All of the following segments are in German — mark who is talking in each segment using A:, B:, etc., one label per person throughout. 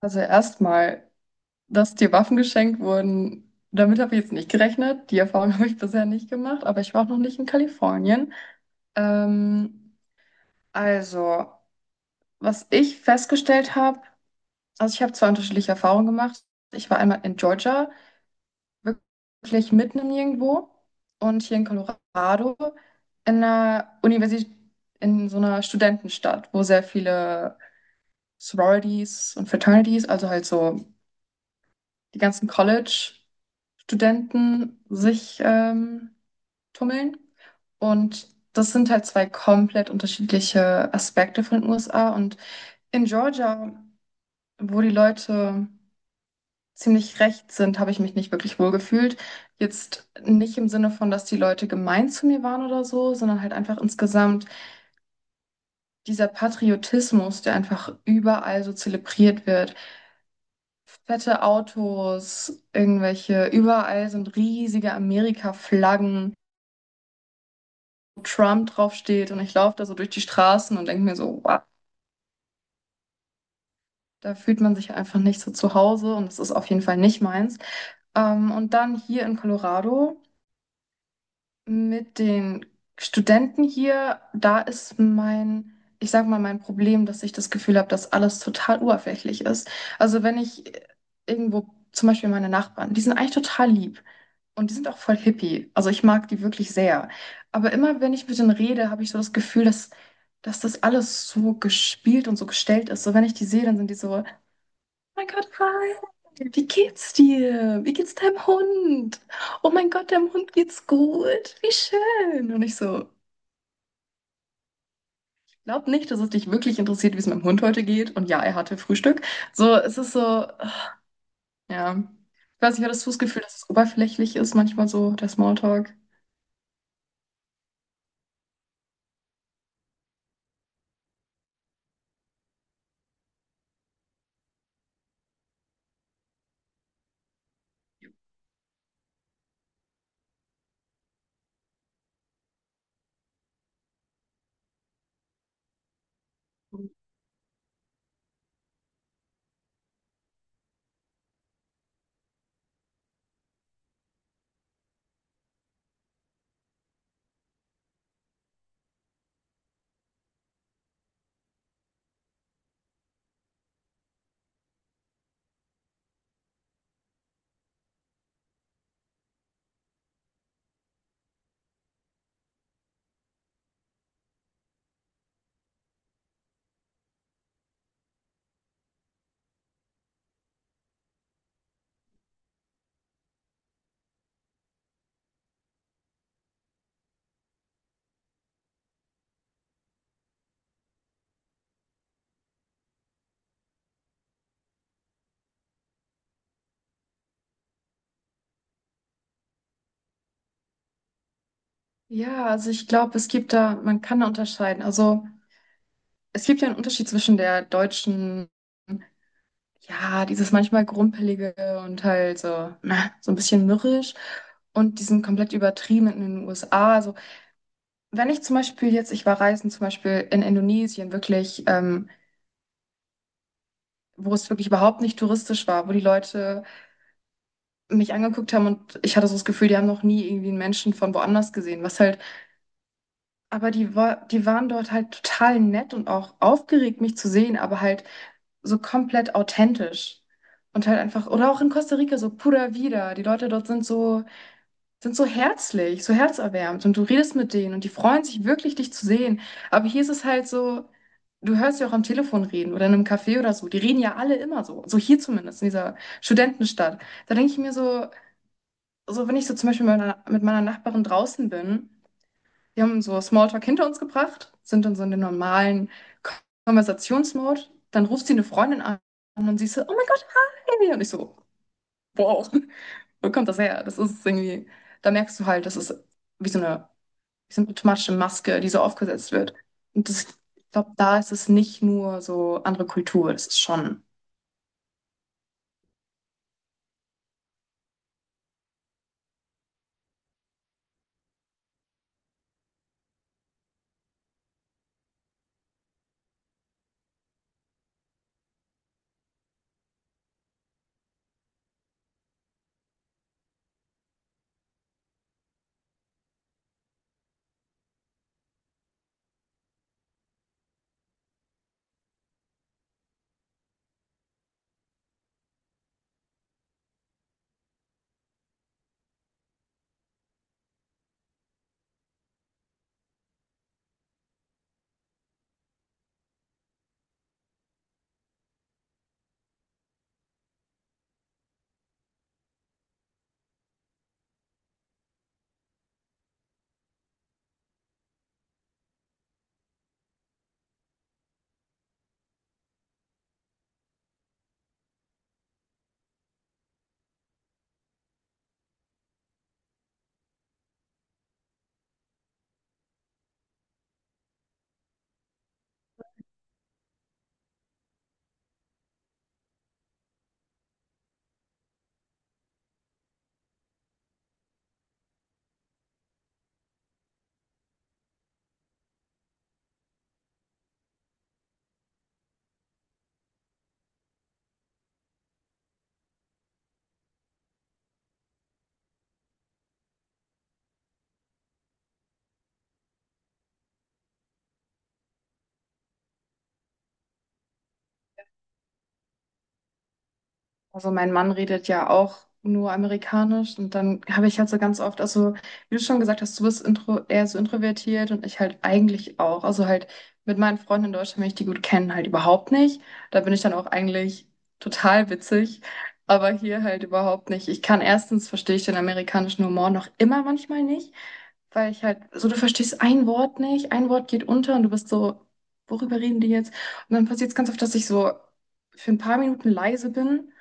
A: Also erstmal, dass dir Waffen geschenkt wurden, damit habe ich jetzt nicht gerechnet. Die Erfahrung habe ich bisher nicht gemacht, aber ich war auch noch nicht in Kalifornien. Ähm, also, was ich festgestellt habe, also ich habe zwei unterschiedliche Erfahrungen gemacht. Ich war einmal in Georgia, wirklich mitten im Nirgendwo, und hier in Colorado in einer Universität, in so einer Studentenstadt, wo sehr viele Sororities und Fraternities, also halt so die ganzen College. Studenten sich tummeln. Und das sind halt zwei komplett unterschiedliche Aspekte von den USA. Und in Georgia, wo die Leute ziemlich rechts sind, habe ich mich nicht wirklich wohl gefühlt. Jetzt nicht im Sinne von, dass die Leute gemein zu mir waren oder so, sondern halt einfach insgesamt dieser Patriotismus, der einfach überall so zelebriert wird. Fette Autos, irgendwelche, überall sind riesige Amerika-Flaggen. Trump draufsteht und ich laufe da so durch die Straßen und denke mir so, wow, da fühlt man sich einfach nicht so zu Hause und das ist auf jeden Fall nicht meins. Und dann hier in Colorado mit den Studenten hier, da ist mein, ich sag mal, mein Problem, dass ich das Gefühl habe, dass alles total oberflächlich ist. Also wenn ich irgendwo, zum Beispiel meine Nachbarn, die sind eigentlich total lieb und die sind auch voll hippie. Also ich mag die wirklich sehr. Aber immer wenn ich mit denen rede, habe ich so das Gefühl, dass das alles so gespielt und so gestellt ist. So wenn ich die sehe, dann sind die so: Mein Gott, Ralf, wie geht's dir? Wie geht's deinem Hund? Oh mein Gott, deinem Hund geht's gut. Wie schön. Und ich so, glaub nicht, dass es dich wirklich interessiert, wie es meinem Hund heute geht. Und ja, er hatte Frühstück. So, es ist so, ja. Ich weiß nicht, hattest du das Gefühl, dass es oberflächlich ist, manchmal so, der Smalltalk? Ja, also ich glaube, es gibt da, man kann da unterscheiden. Also es gibt ja einen Unterschied zwischen der deutschen, ja, dieses manchmal Grumpelige und halt so, na, so ein bisschen mürrisch, und die sind komplett übertrieben in den USA. Also, wenn ich zum Beispiel jetzt, ich war reisen zum Beispiel in Indonesien, wirklich, wo es wirklich überhaupt nicht touristisch war, wo die Leute mich angeguckt haben und ich hatte so das Gefühl, die haben noch nie irgendwie einen Menschen von woanders gesehen, was halt, aber die waren dort halt total nett und auch aufgeregt, mich zu sehen, aber halt so komplett authentisch. Und halt einfach, oder auch in Costa Rica, so pura vida. Die Leute dort sind so, sind so herzlich, so herzerwärmend und du redest mit denen und die freuen sich wirklich, dich zu sehen. Aber hier ist es halt so, du hörst ja auch am Telefon reden oder in einem Café oder so. Die reden ja alle immer so, so hier zumindest in dieser Studentenstadt. Da denke ich mir so, so wenn ich so zum Beispiel mit meiner Nachbarin draußen bin, die haben so Smalltalk hinter uns gebracht, sind dann so in dem normalen Konversationsmodus, dann ruft sie eine Freundin an und sie ist so, oh mein Gott, hi! Und ich so, wow, wo kommt das her? Das ist irgendwie, da merkst du halt, das ist wie so eine symptomatische Maske, die so aufgesetzt wird. Und das, ich glaube, da ist es nicht nur so andere Kultur, das ist schon. Also mein Mann redet ja auch nur amerikanisch und dann habe ich halt so ganz oft, also wie du schon gesagt hast, du bist intro, eher so introvertiert und ich halt eigentlich auch. Also halt mit meinen Freunden in Deutschland, wenn ich die gut kenne, halt überhaupt nicht. Da bin ich dann auch eigentlich total witzig. Aber hier halt überhaupt nicht. Ich kann, erstens verstehe ich den amerikanischen Humor noch immer manchmal nicht. Weil ich halt, so du verstehst ein Wort nicht, ein Wort geht unter und du bist so, worüber reden die jetzt? Und dann passiert es ganz oft, dass ich so für ein paar Minuten leise bin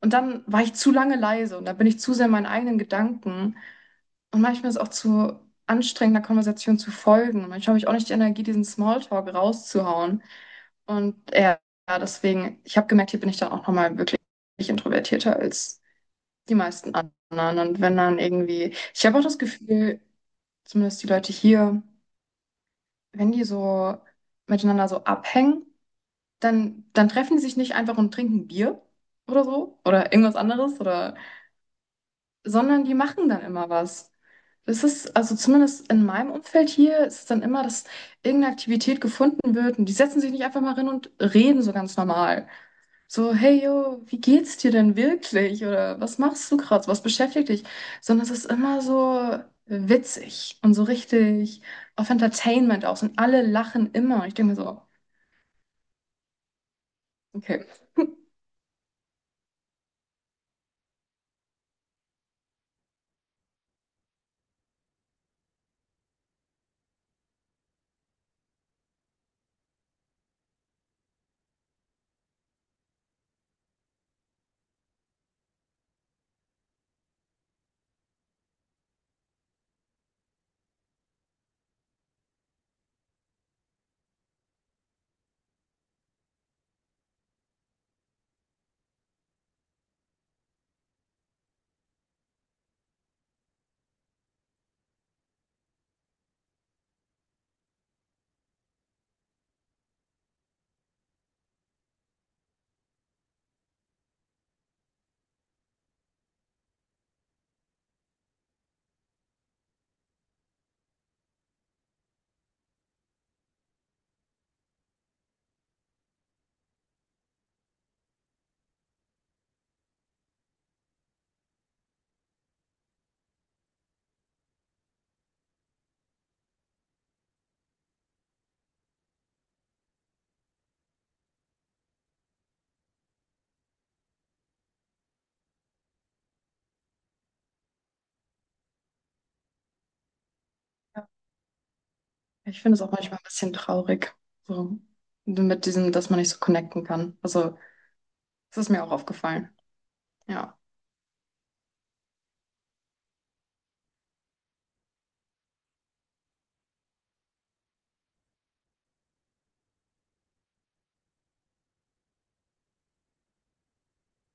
A: und dann war ich zu lange leise und dann bin ich zu sehr in meinen eigenen Gedanken. Und manchmal ist es auch zu anstrengend, einer Konversation zu folgen. Manchmal habe ich auch nicht die Energie, diesen Smalltalk rauszuhauen. Und ja, deswegen, ich habe gemerkt, hier bin ich dann auch nochmal wirklich introvertierter als die meisten anderen. Und wenn dann irgendwie, ich habe auch das Gefühl, zumindest die Leute hier, wenn die so miteinander so abhängen, dann treffen die sich nicht einfach und trinken Bier oder so oder irgendwas anderes oder, sondern die machen dann immer was. Das ist, also zumindest in meinem Umfeld hier, ist es dann immer, dass irgendeine Aktivität gefunden wird und die setzen sich nicht einfach mal hin und reden so ganz normal. So, hey yo, wie geht's dir denn wirklich? Oder was machst du gerade? Was beschäftigt dich? Sondern es ist immer so witzig und so richtig auf Entertainment aus und alle lachen immer. Und ich denke mir so, okay. Ja, ich finde es auch manchmal ein bisschen traurig, so mit diesem, dass man nicht so connecten kann. Also, das ist mir auch aufgefallen. Ja.